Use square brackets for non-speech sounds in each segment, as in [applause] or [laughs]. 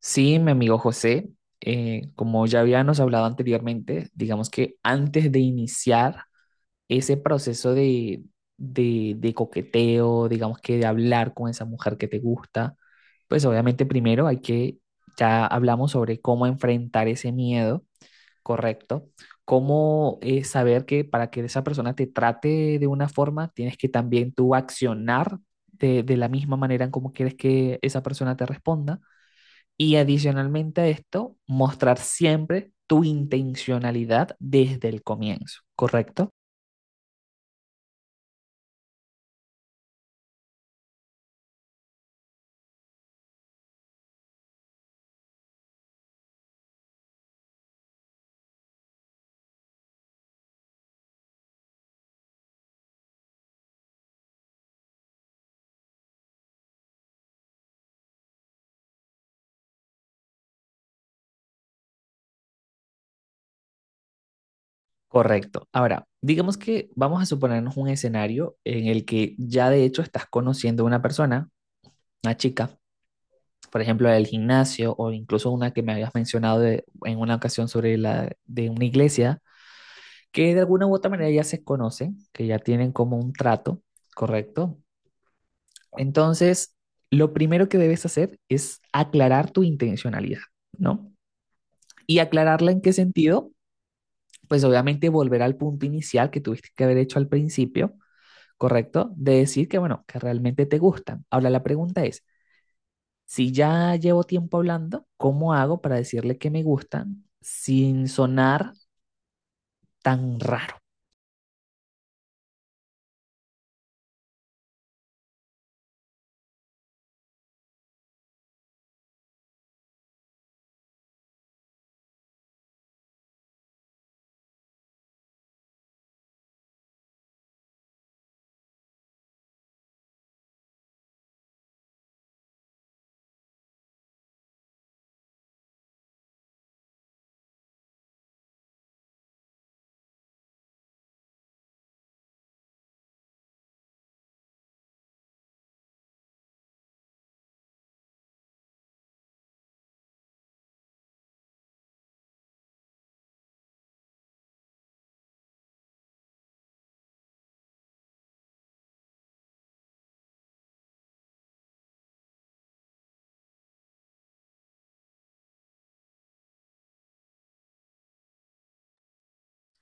Sí, mi amigo José, como ya habíamos hablado anteriormente, digamos que antes de iniciar ese proceso de coqueteo, digamos que de hablar con esa mujer que te gusta, pues obviamente primero hay que, ya hablamos sobre cómo enfrentar ese miedo, correcto, cómo saber que para que esa persona te trate de una forma, tienes que también tú accionar de la misma manera en cómo quieres que esa persona te responda. Y adicionalmente a esto, mostrar siempre tu intencionalidad desde el comienzo, ¿correcto? Correcto. Ahora, digamos que vamos a suponernos un escenario en el que ya de hecho estás conociendo a una persona, una chica, por ejemplo, del gimnasio o incluso una que me habías mencionado en una ocasión sobre la de una iglesia, que de alguna u otra manera ya se conocen, que ya tienen como un trato, ¿correcto? Entonces, lo primero que debes hacer es aclarar tu intencionalidad, ¿no? Y aclararla en qué sentido, pues obviamente volver al punto inicial que tuviste que haber hecho al principio, ¿correcto? De decir que, bueno, que realmente te gustan. Ahora la pregunta es, si ya llevo tiempo hablando, ¿cómo hago para decirle que me gustan sin sonar tan raro?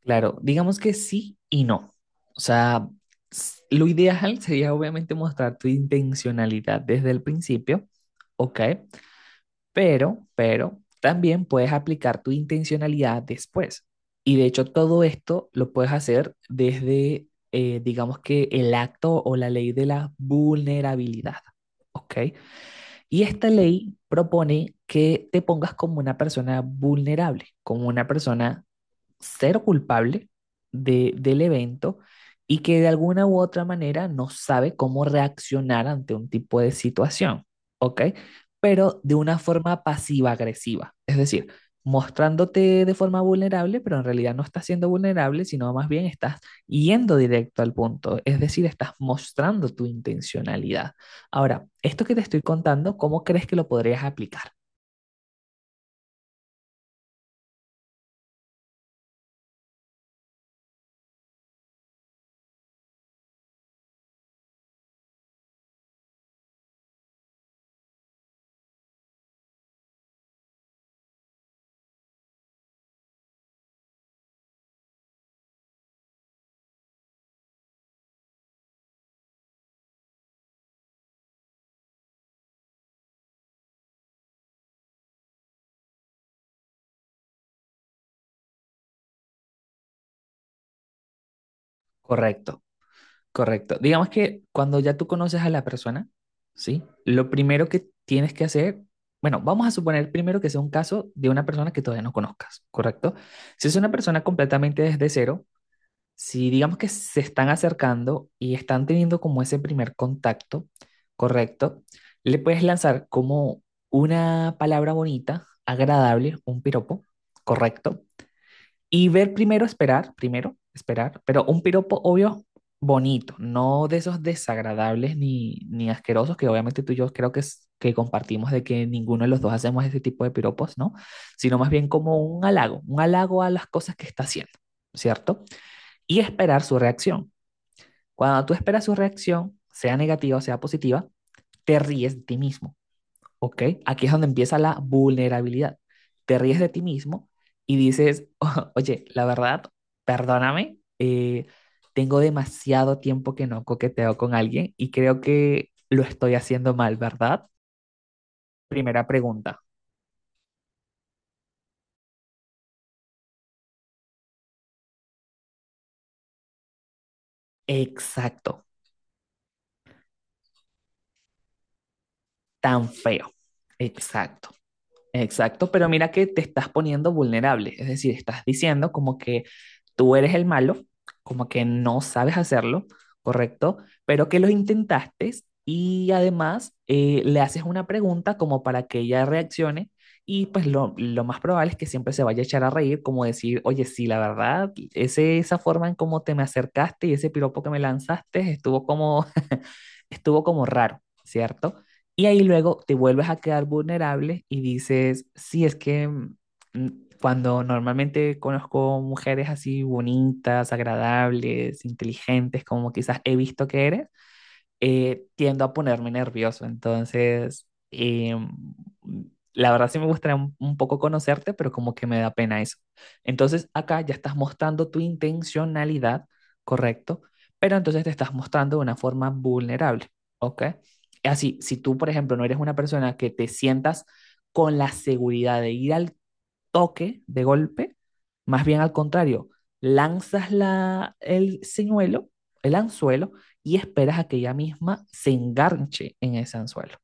Claro, digamos que sí y no. O sea, lo ideal sería obviamente mostrar tu intencionalidad desde el principio, ¿ok? Pero también puedes aplicar tu intencionalidad después. Y de hecho todo esto lo puedes hacer desde, digamos que el acto o la ley de la vulnerabilidad, ¿ok? Y esta ley propone que te pongas como una persona vulnerable, como una persona ser culpable del evento y que de alguna u otra manera no sabe cómo reaccionar ante un tipo de situación, ¿ok? Pero de una forma pasiva-agresiva, es decir, mostrándote de forma vulnerable, pero en realidad no estás siendo vulnerable, sino más bien estás yendo directo al punto, es decir, estás mostrando tu intencionalidad. Ahora, esto que te estoy contando, ¿cómo crees que lo podrías aplicar? Correcto. Correcto. Digamos que cuando ya tú conoces a la persona, ¿sí? Lo primero que tienes que hacer, bueno, vamos a suponer primero que sea un caso de una persona que todavía no conozcas, ¿correcto? Si es una persona completamente desde cero, si digamos que se están acercando y están teniendo como ese primer contacto, ¿correcto? Le puedes lanzar como una palabra bonita, agradable, un piropo, ¿correcto? Y ver primero, esperar, pero un piropo obvio bonito, no de esos desagradables ni asquerosos que obviamente tú y yo creo que, que compartimos de que ninguno de los dos hacemos ese tipo de piropos, ¿no? Sino más bien como un halago a las cosas que está haciendo, ¿cierto? Y esperar su reacción. Cuando tú esperas su reacción, sea negativa o sea positiva, te ríes de ti mismo. Ok, aquí es donde empieza la vulnerabilidad. Te ríes de ti mismo y dices, [laughs] Oye, la verdad, perdóname, tengo demasiado tiempo que no coqueteo con alguien y creo que lo estoy haciendo mal, ¿verdad? Primera pregunta. Exacto, tan feo. Exacto. Exacto, pero mira que te estás poniendo vulnerable, es decir, estás diciendo como que tú eres el malo, como que no sabes hacerlo, ¿correcto? Pero que lo intentaste y además le haces una pregunta como para que ella reaccione y pues lo más probable es que siempre se vaya a echar a reír, como decir, oye, sí, la verdad, esa forma en cómo te me acercaste y ese piropo que me lanzaste estuvo como, [laughs] estuvo como raro, ¿cierto? Y ahí luego te vuelves a quedar vulnerable y dices, sí, es que cuando normalmente conozco mujeres así bonitas, agradables, inteligentes, como quizás he visto que eres, tiendo a ponerme nervioso. Entonces, la verdad sí me gustaría un poco conocerte, pero como que me da pena eso. Entonces, acá ya estás mostrando tu intencionalidad, ¿correcto? Pero entonces te estás mostrando de una forma vulnerable, ¿ok? Así, si tú, por ejemplo, no eres una persona que te sientas con la seguridad de ir al toque de golpe, más bien al contrario, lanzas el señuelo, el anzuelo, y esperas a que ella misma se enganche en ese anzuelo.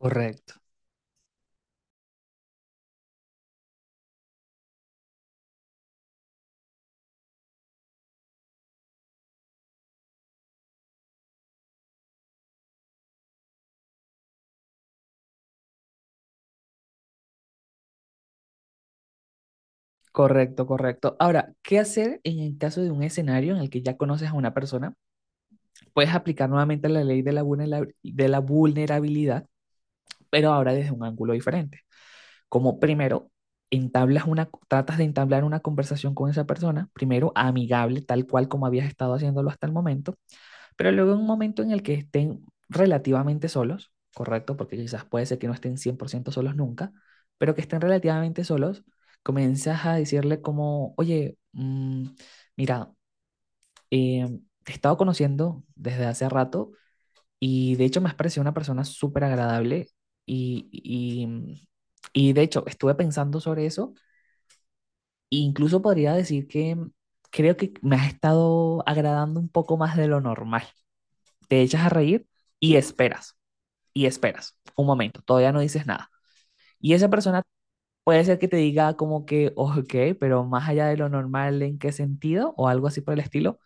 Correcto. Correcto, correcto. Ahora, ¿qué hacer en el caso de un escenario en el que ya conoces a una persona? Puedes aplicar nuevamente la ley de de la vulnerabilidad, pero ahora desde un ángulo diferente. Como primero, entablas una, tratas de entablar una conversación con esa persona, primero amigable, tal cual como habías estado haciéndolo hasta el momento. Pero luego en un momento en el que estén relativamente solos, ¿correcto? Porque quizás puede ser que no estén 100% solos nunca, pero que estén relativamente solos, comienzas a decirle como, oye, mira, eh, te he estado conociendo desde hace rato y de hecho me has parecido una persona súper agradable y y de hecho estuve pensando sobre eso e incluso podría decir que creo que me has estado agradando un poco más de lo normal, te echas a reír y esperas, y esperas un momento, todavía no dices nada. Y esa persona puede ser que te diga como que, ok, pero más allá de lo normal, ¿en qué sentido? O algo así por el estilo.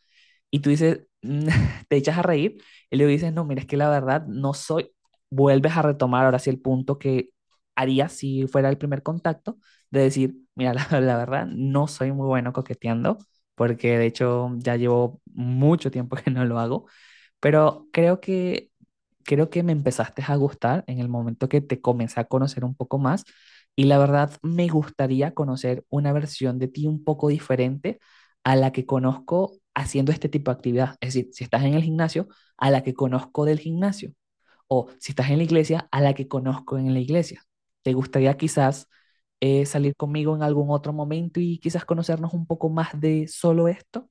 Y tú dices, [laughs] te echas a reír y le dices, no, mira, es que la verdad no soy, vuelves a retomar ahora sí el punto que haría si fuera el primer contacto, de decir, mira, [laughs] la verdad no soy muy bueno coqueteando, porque de hecho ya llevo mucho tiempo que no lo hago, pero creo que me empezaste a gustar en el momento que te comencé a conocer un poco más y la verdad me gustaría conocer una versión de ti un poco diferente a la que conozco haciendo este tipo de actividad. Es decir, si estás en el gimnasio, a la que conozco del gimnasio o si estás en la iglesia, a la que conozco en la iglesia. ¿Te gustaría quizás salir conmigo en algún otro momento y quizás conocernos un poco más de solo esto?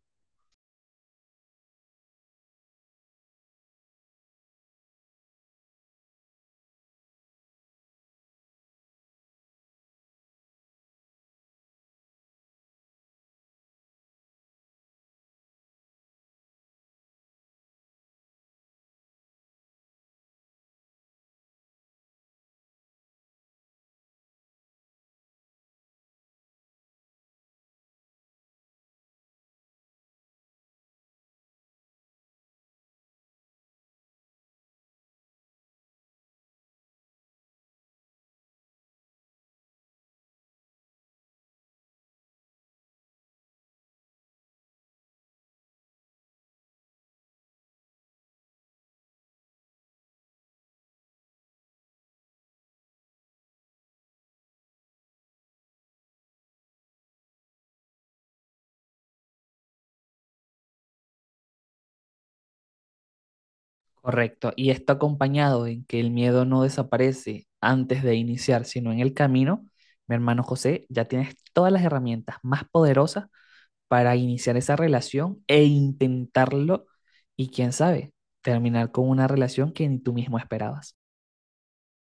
Correcto. Y está acompañado en que el miedo no desaparece antes de iniciar, sino en el camino. Mi hermano José, ya tienes todas las herramientas más poderosas para iniciar esa relación e intentarlo y quién sabe, terminar con una relación que ni tú mismo esperabas.